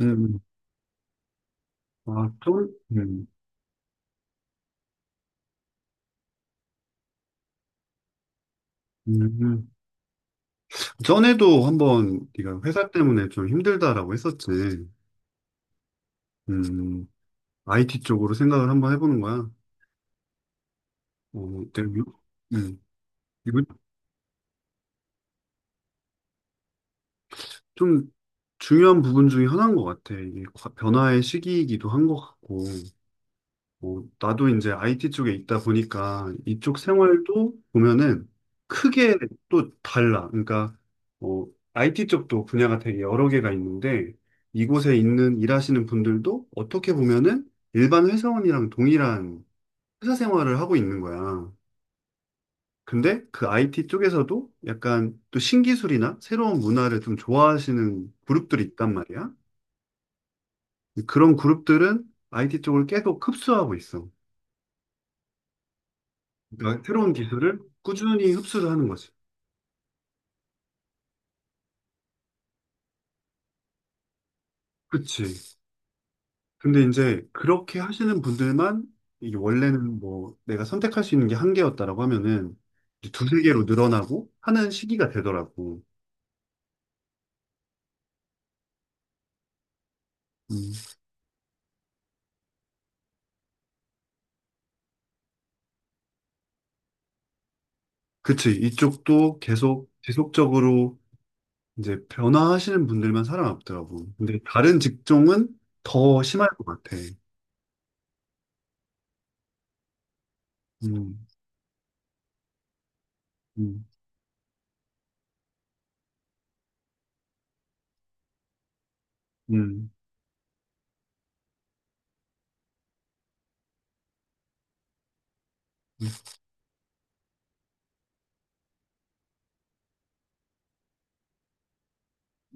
음, 아, 좀, 음. 전에도 한번 네가 회사 때문에 좀 힘들다라고 했었지. 음, IT 쪽으로 생각을 한번 해보는 거야. 어, 되게, 유- 음, 이거 좀 중요한 부분 중에 하나인 것 같아. 이게 변화의 시기이기도 한 것 같고. 뭐, 나도 이제 IT 쪽에 있다 보니까 이쪽 생활도 보면은 크게 또 달라. 그러니까 뭐 IT 쪽도 분야가 되게 여러 개가 있는데 이곳에 있는 일하시는 분들도 어떻게 보면은 일반 회사원이랑 동일한 회사 생활을 하고 있는 거야. 근데 그 IT 쪽에서도 약간 또 신기술이나 새로운 문화를 좀 좋아하시는 그룹들이 있단 말이야. 그런 그룹들은 IT 쪽을 계속 흡수하고 있어. 그러니까 새로운 기술을 꾸준히 흡수를 하는 거지. 그치. 근데 이제 그렇게 하시는 분들만 이게 원래는 뭐 내가 선택할 수 있는 게 한 개였다라고 하면은 이제 두세 개로 늘어나고 하는 시기가 되더라고. 음. 그치. 이쪽도 계속 지속적으로 이제 변화하시는 분들만 살아남더라고. 근데 다른 직종은 더 심할 것 같아. 음, 음, 음,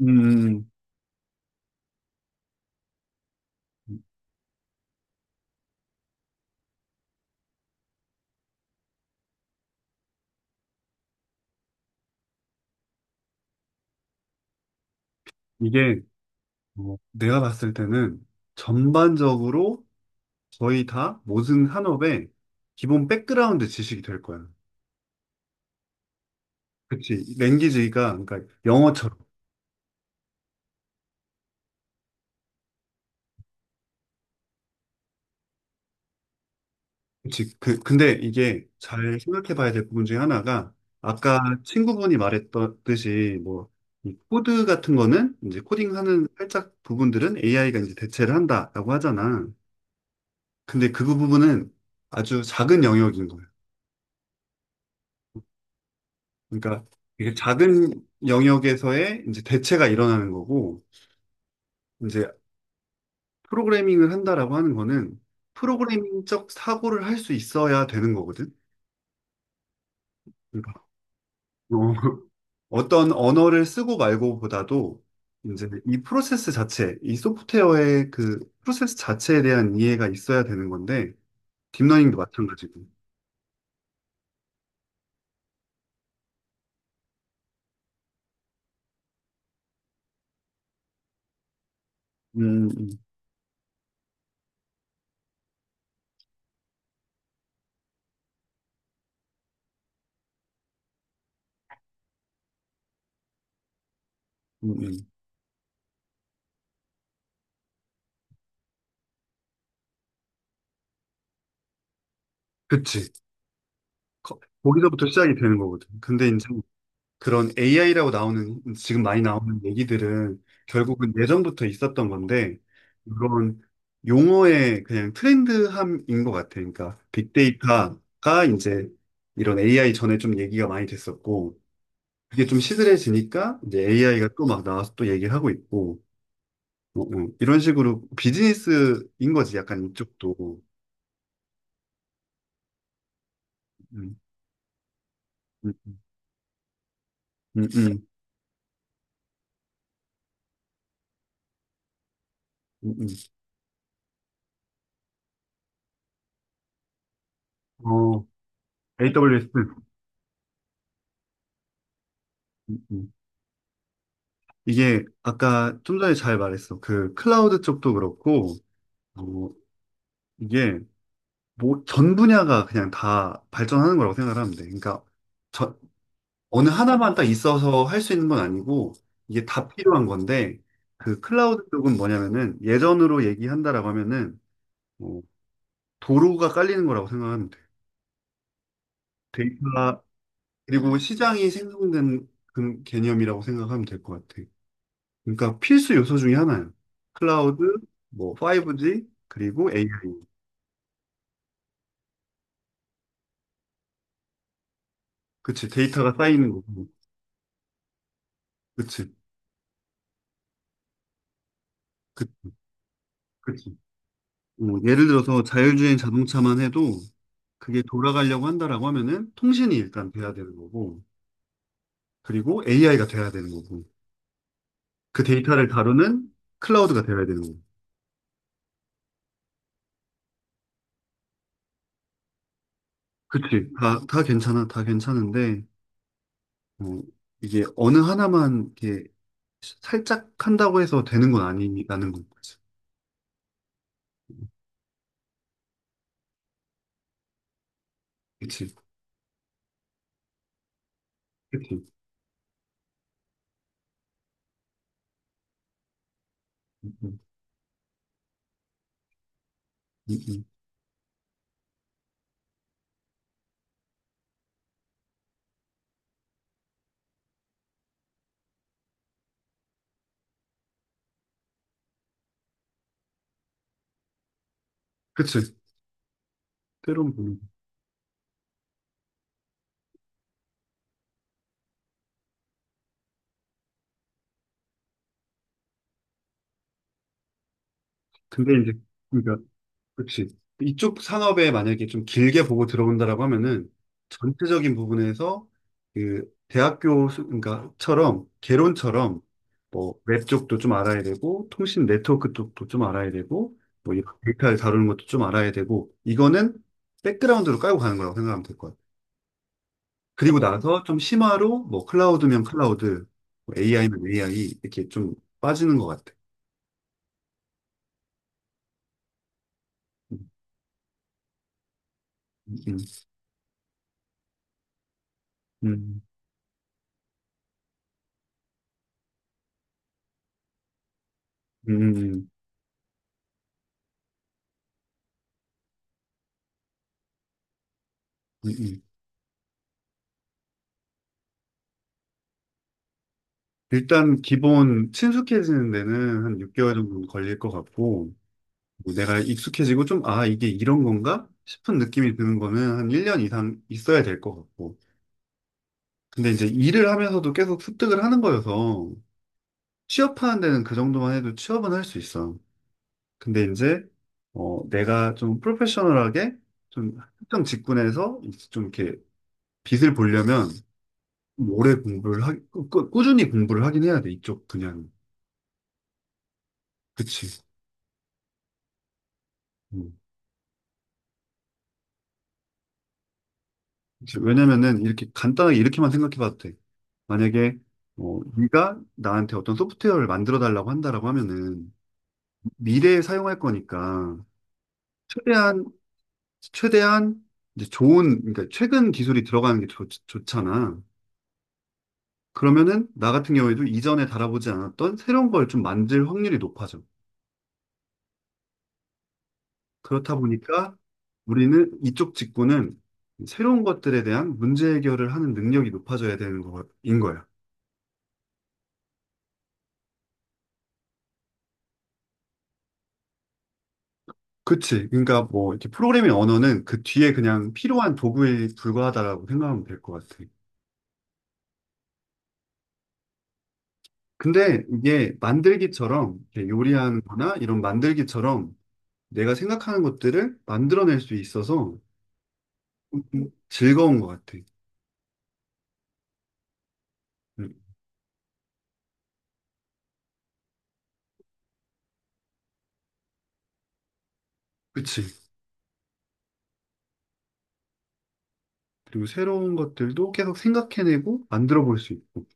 음. 음. 이게 뭐 내가 봤을 때는 전반적으로 거의 다 모든 산업의 기본 백그라운드 지식이 될 거야. 그치. 랭귀지가, 그러니까 영어처럼. 그치. 근데 이게 잘 생각해 봐야 될 부분 중에 하나가, 아까 친구분이 말했듯이, 뭐, 이 코드 같은 거는, 이제 코딩하는 살짝 부분들은 AI가 이제 대체를 한다라고 하잖아. 근데 그 부분은 아주 작은 영역인 거예요. 그러니까 이게 작은 영역에서의 이제 대체가 일어나는 거고, 이제 프로그래밍을 한다라고 하는 거는 프로그래밍적 사고를 할 수 있어야 되는 거거든. 그러니까 어, 어떤 언어를 쓰고 말고보다도 이제 이 프로세스 자체, 이 소프트웨어의 그 프로세스 자체에 대한 이해가 있어야 되는 건데 딥러닝도 마찬가지고. 음, 음, 음, 음. 그치. 거기서부터 시작이 되는 거거든. 근데 이제 그런 AI라고 나오는, 지금 많이 나오는 얘기들은 결국은 예전부터 있었던 건데, 이런 용어의 그냥 트렌드함인 것 같아. 그러니까 빅데이터가 이제 이런 AI 전에 좀 얘기가 많이 됐었고, 그게 좀 시들해지니까 이제 AI가 또 막 나와서 또 얘기를 하고 있고, 어, 어. 이런 식으로 비즈니스인 거지, 약간 이쪽도. 음, 음, 음, 음, 음, 음. 어, AWS. 음, 음. 이게 아까 좀 전에 잘 말했어. 그 클라우드 쪽도 그렇고, 어, 이게 뭐 전 분야가 그냥 다 발전하는 거라고 생각하면 돼. 그러니까 저, 어느 하나만 딱 있어서 할 수 있는 건 아니고, 이게 다 필요한 건데, 그 클라우드 쪽은 뭐냐면은 예전으로 얘기한다라고 하면은 뭐 도로가 깔리는 거라고 생각하면 돼. 데이터 그리고 시장이 생성된 그 개념이라고 생각하면 될 것 같아. 그러니까 필수 요소 중에 하나예요. 클라우드, 뭐 5G, 그리고 AI. 그치, 데이터가 쌓이는 거고. 그치, 그, 그치. 뭐 예를 들어서 자율주행 자동차만 해도 그게 돌아가려고 한다라고 하면은 통신이 일단 돼야 되는 거고, 그리고 AI가 돼야 되는 거고, 그 데이터를 다루는 클라우드가 돼야 되는 거고. 그치, 다 괜찮아, 다 괜찮은데, 뭐 이게 어느 하나만 이렇게 살짝 한다고 해서 되는 건 아니라는 거지. 그치, 그치. 음, 음, 음. 그치. 때론 보는 거. 근데 이제, 그러니까, 그치. 이쪽 산업에 만약에 좀 길게 보고 들어온다라고 하면은 전체적인 부분에서 그 대학교, 그러니까, 개론처럼 뭐, 웹 쪽도 좀 알아야 되고, 통신 네트워크 쪽도 좀 알아야 되고, 뭐, 이 데이터를 다루는 것도 좀 알아야 되고, 이거는 백그라운드로 깔고 가는 거라고 생각하면 될 거야. 그리고 나서 좀 심화로 뭐, 클라우드면 클라우드, AI면 AI, 이렇게 좀 빠지는 것 같아. 음, 음, 음. 음, 음, 음. 일단 기본 친숙해지는 데는 한 6개월 정도 걸릴 것 같고, 뭐 내가 익숙해지고 좀, 아, 이게 이런 건가? 싶은 느낌이 드는 거는 한 1년 이상 있어야 될 것 같고. 근데 이제 일을 하면서도 계속 습득을 하는 거여서, 취업하는 데는 그 정도만 해도 취업은 할 수 있어. 근데 이제, 내가 좀 프로페셔널하게 좀 특정 직군에서 이제 좀 이렇게 빛을 보려면, 오래 공부를 꾸준히 공부를 하긴 해야 돼, 이쪽 그냥. 그치. 음. 이제 왜냐면은 이렇게 간단하게 이렇게만 생각해 봐도 돼. 만약에 네가 나한테 어떤 소프트웨어를 만들어 달라고 한다라고 하면은 미래에 사용할 거니까 최대한 최대한 이제 좋은 그러니까 최근 기술이 들어가는 게 좋잖아. 그러면은 나 같은 경우에도 이전에 달아보지 않았던 새로운 걸 좀 만들 확률이 높아져. 그렇다 보니까 우리는 이쪽 직군은 새로운 것들에 대한 문제 해결을 하는 능력이 높아져야 되는 거인 거야. 그치. 그러니까 뭐 이렇게 프로그래밍 언어는 그 뒤에 그냥 필요한 도구에 불과하다라고 생각하면 될 것 같아. 근데 이게 만들기처럼 이렇게 요리하는 거나 이런 만들기처럼 내가 생각하는 것들을 만들어낼 수 있어서 좀 즐거운 것 같아. 응. 그치. 그리고 새로운 것들도 계속 생각해내고 만들어 볼 수 있고.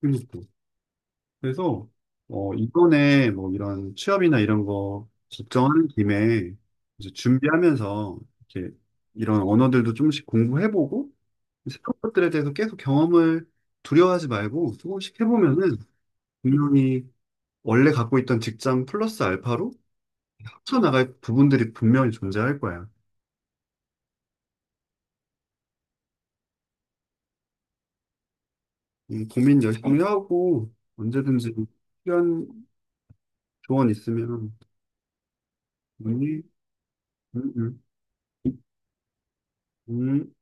그러니까. 그래서 이번에 뭐 이런 취업이나 이런 거 걱정하는 김에 이제 준비하면서 이렇게 이런 언어들도 조금씩 공부해보고 새로운 것들에 대해서 계속 경험을 두려워하지 말고 조금씩 해보면은 분명히 원래 갖고 있던 직장 플러스 알파로 합쳐나갈 부분들이 분명히 존재할 거야. 이 고민 열심히 하고 언제든지 필요한 조언 있으면 문의 음, 음, 음.